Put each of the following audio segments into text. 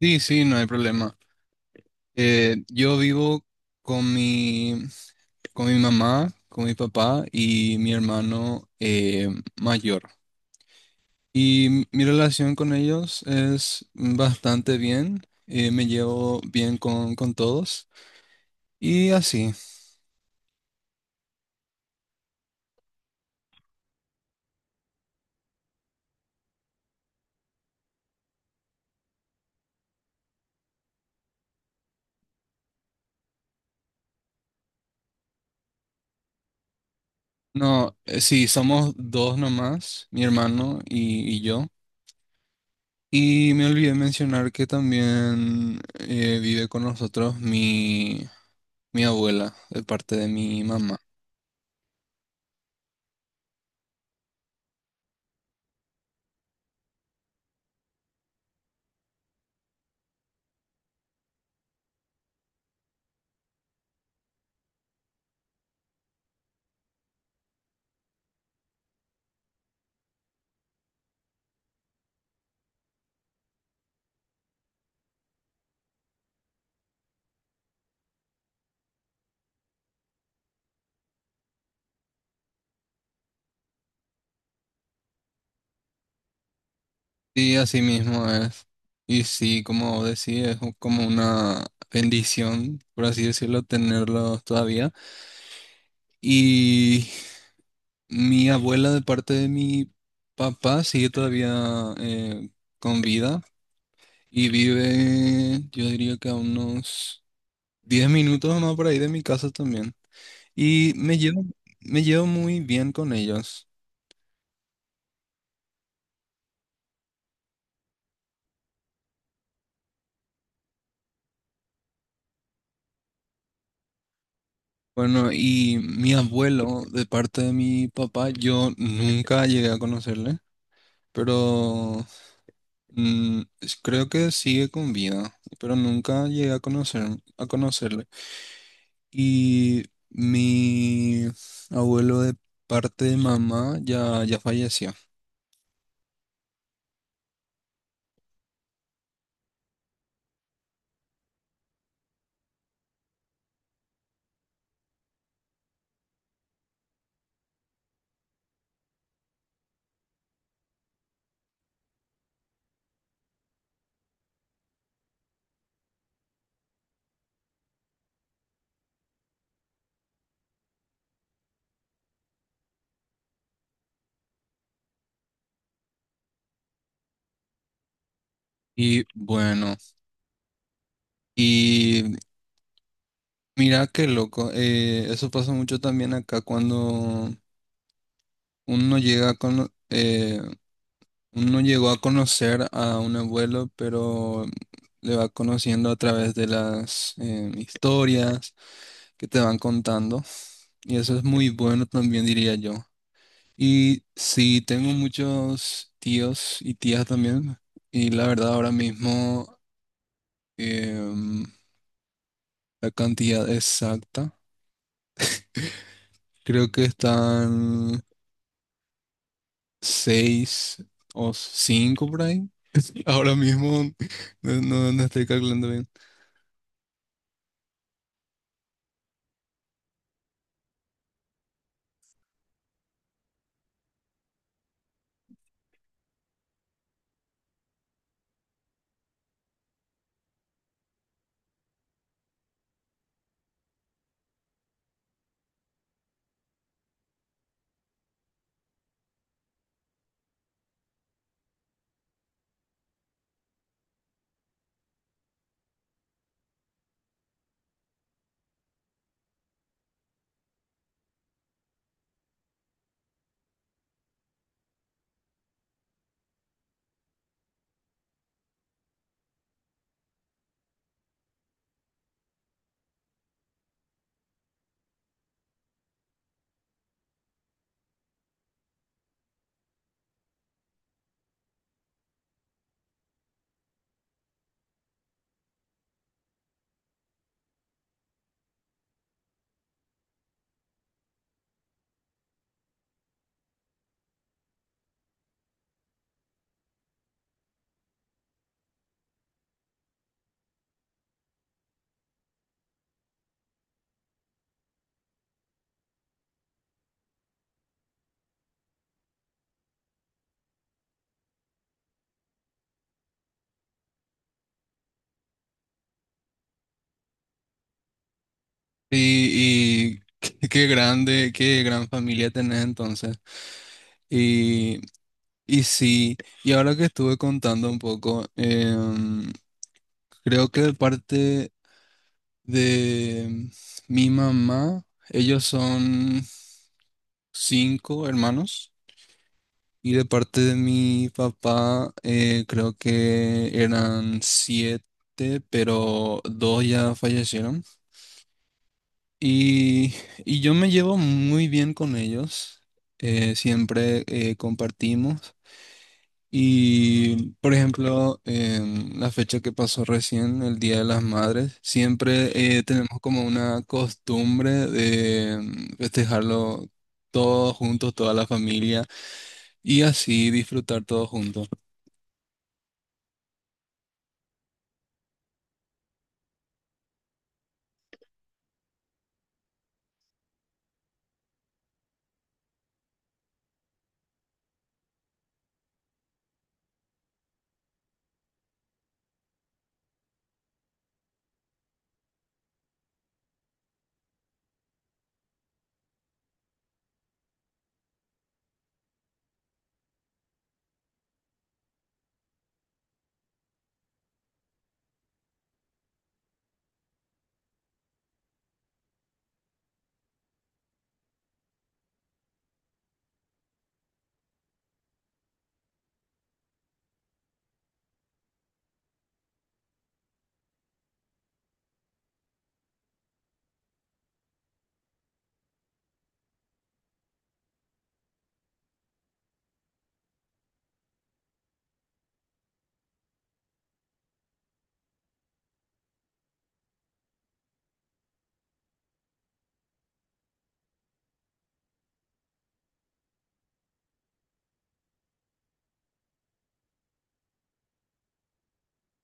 Sí, sí, no hay problema. Yo vivo con mi, con mi mamá, con mi papá y mi hermano mayor. Y mi relación con ellos es bastante bien. Me llevo bien con todos. Y así. No, sí, somos dos nomás, mi hermano y yo. Y me olvidé mencionar que también vive con nosotros mi abuela, de parte de mi mamá. Sí, así mismo es. Y sí, como decía, como una bendición, por así decirlo, tenerlos todavía. Y mi abuela de parte de mi papá sigue todavía con vida y vive, yo diría que a unos 10 minutos más por ahí de mi casa también. Y me llevo muy bien con ellos. Bueno, y mi abuelo de parte de mi papá, yo nunca llegué a conocerle. Pero creo que sigue con vida, pero nunca llegué a conocerle. Y mi abuelo de parte de mamá ya falleció. Y bueno, y mira qué loco, eso pasa mucho también acá cuando uno llega a cono- eh, uno llegó a conocer a un abuelo, pero le va conociendo a través de las historias que te van contando. Y eso es muy bueno también, diría yo. Y sí, tengo muchos tíos y tías también. Y la verdad, ahora mismo, em, la cantidad exacta, creo que están seis o cinco por ahí. Ahora mismo no estoy calculando bien. Y qué grande, qué gran familia tenés entonces. y Y sí, y ahora que estuve contando un poco, creo que de parte de mi mamá, ellos son cinco hermanos, y de parte de mi papá, creo que eran siete, pero dos ya fallecieron. Y, y yo me llevo muy bien con ellos, siempre compartimos. Y, por ejemplo, en la fecha que pasó recién, el Día de las Madres, siempre tenemos como una costumbre de festejarlo todos juntos, toda la familia, y así disfrutar todos juntos.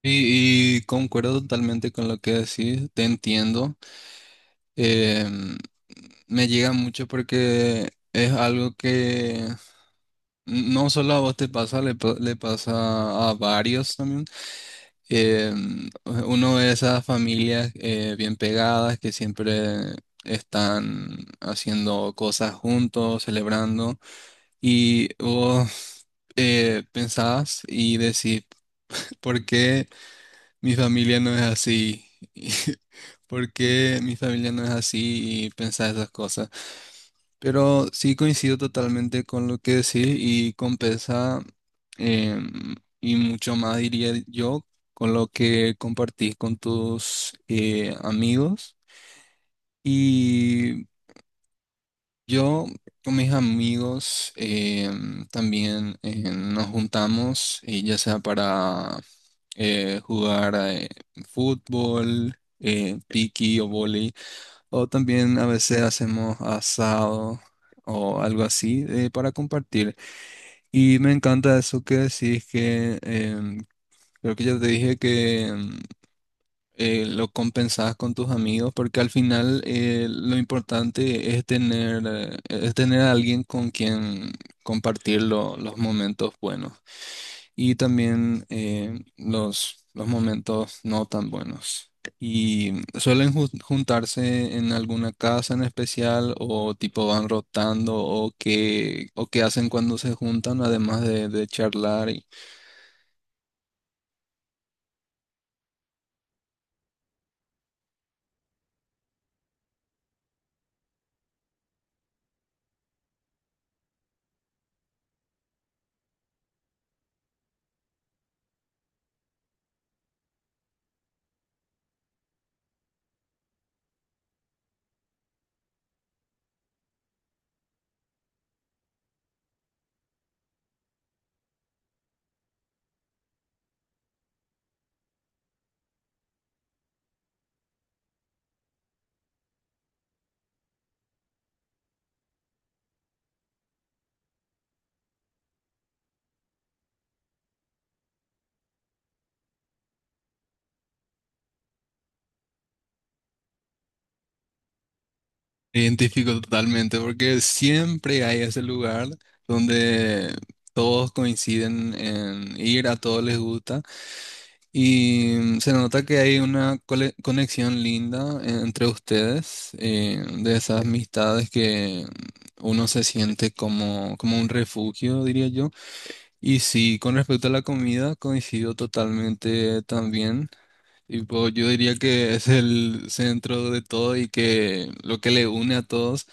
Y concuerdo totalmente con lo que decís, te entiendo. em, me llega mucho porque es algo que no solo a vos te pasa, le pasa a varios también. Eh, uno de esas familias bien pegadas que siempre están haciendo cosas juntos, celebrando, y vos pensás y decís, ¿por qué mi familia no es así? ¿Por qué mi familia no es así? Y pensás esas cosas. Pero sí coincido totalmente con lo que decís y compensa eh, y mucho más diría yo con lo que compartís con tus amigos. Y yo con mis amigos también nos juntamos ya sea para jugar fútbol, piqui o vóley. O también a veces hacemos asado o algo así para compartir. Y me encanta eso que decís que creo que ya te dije que lo compensás con tus amigos porque al final lo importante es tener a alguien con quien compartir los momentos buenos y también los momentos no tan buenos. Y suelen juntarse en alguna casa en especial o tipo van rotando o qué hacen cuando se juntan, además de charlar. Me identifico totalmente porque siempre hay ese lugar donde todos coinciden en ir, a todos les gusta. Y se nota que hay una conexión linda entre ustedes, de esas amistades que uno se siente como un refugio, diría yo. Y sí, con respecto a la comida, coincido totalmente también. Tipo, yo diría que es el centro de todo y que lo que le une a todos.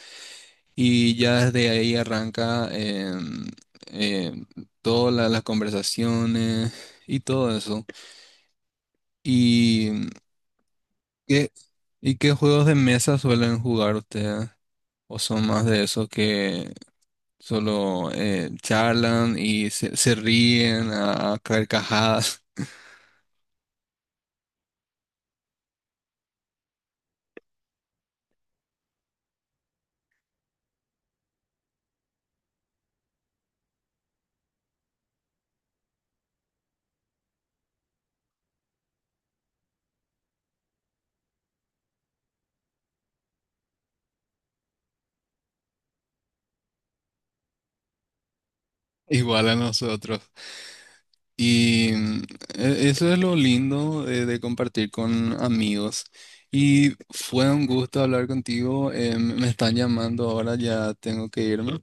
Y ya desde ahí arranca em, todas las conversaciones y todo eso. Y ¿Qué- ¿Y qué juegos de mesa suelen jugar ustedes? ¿O son más de esos que solo charlan y se ríen a carcajadas, igual a nosotros? Y eso es lo lindo de compartir con amigos. Y fue un gusto hablar contigo. Me están llamando ahora, ya tengo que irme.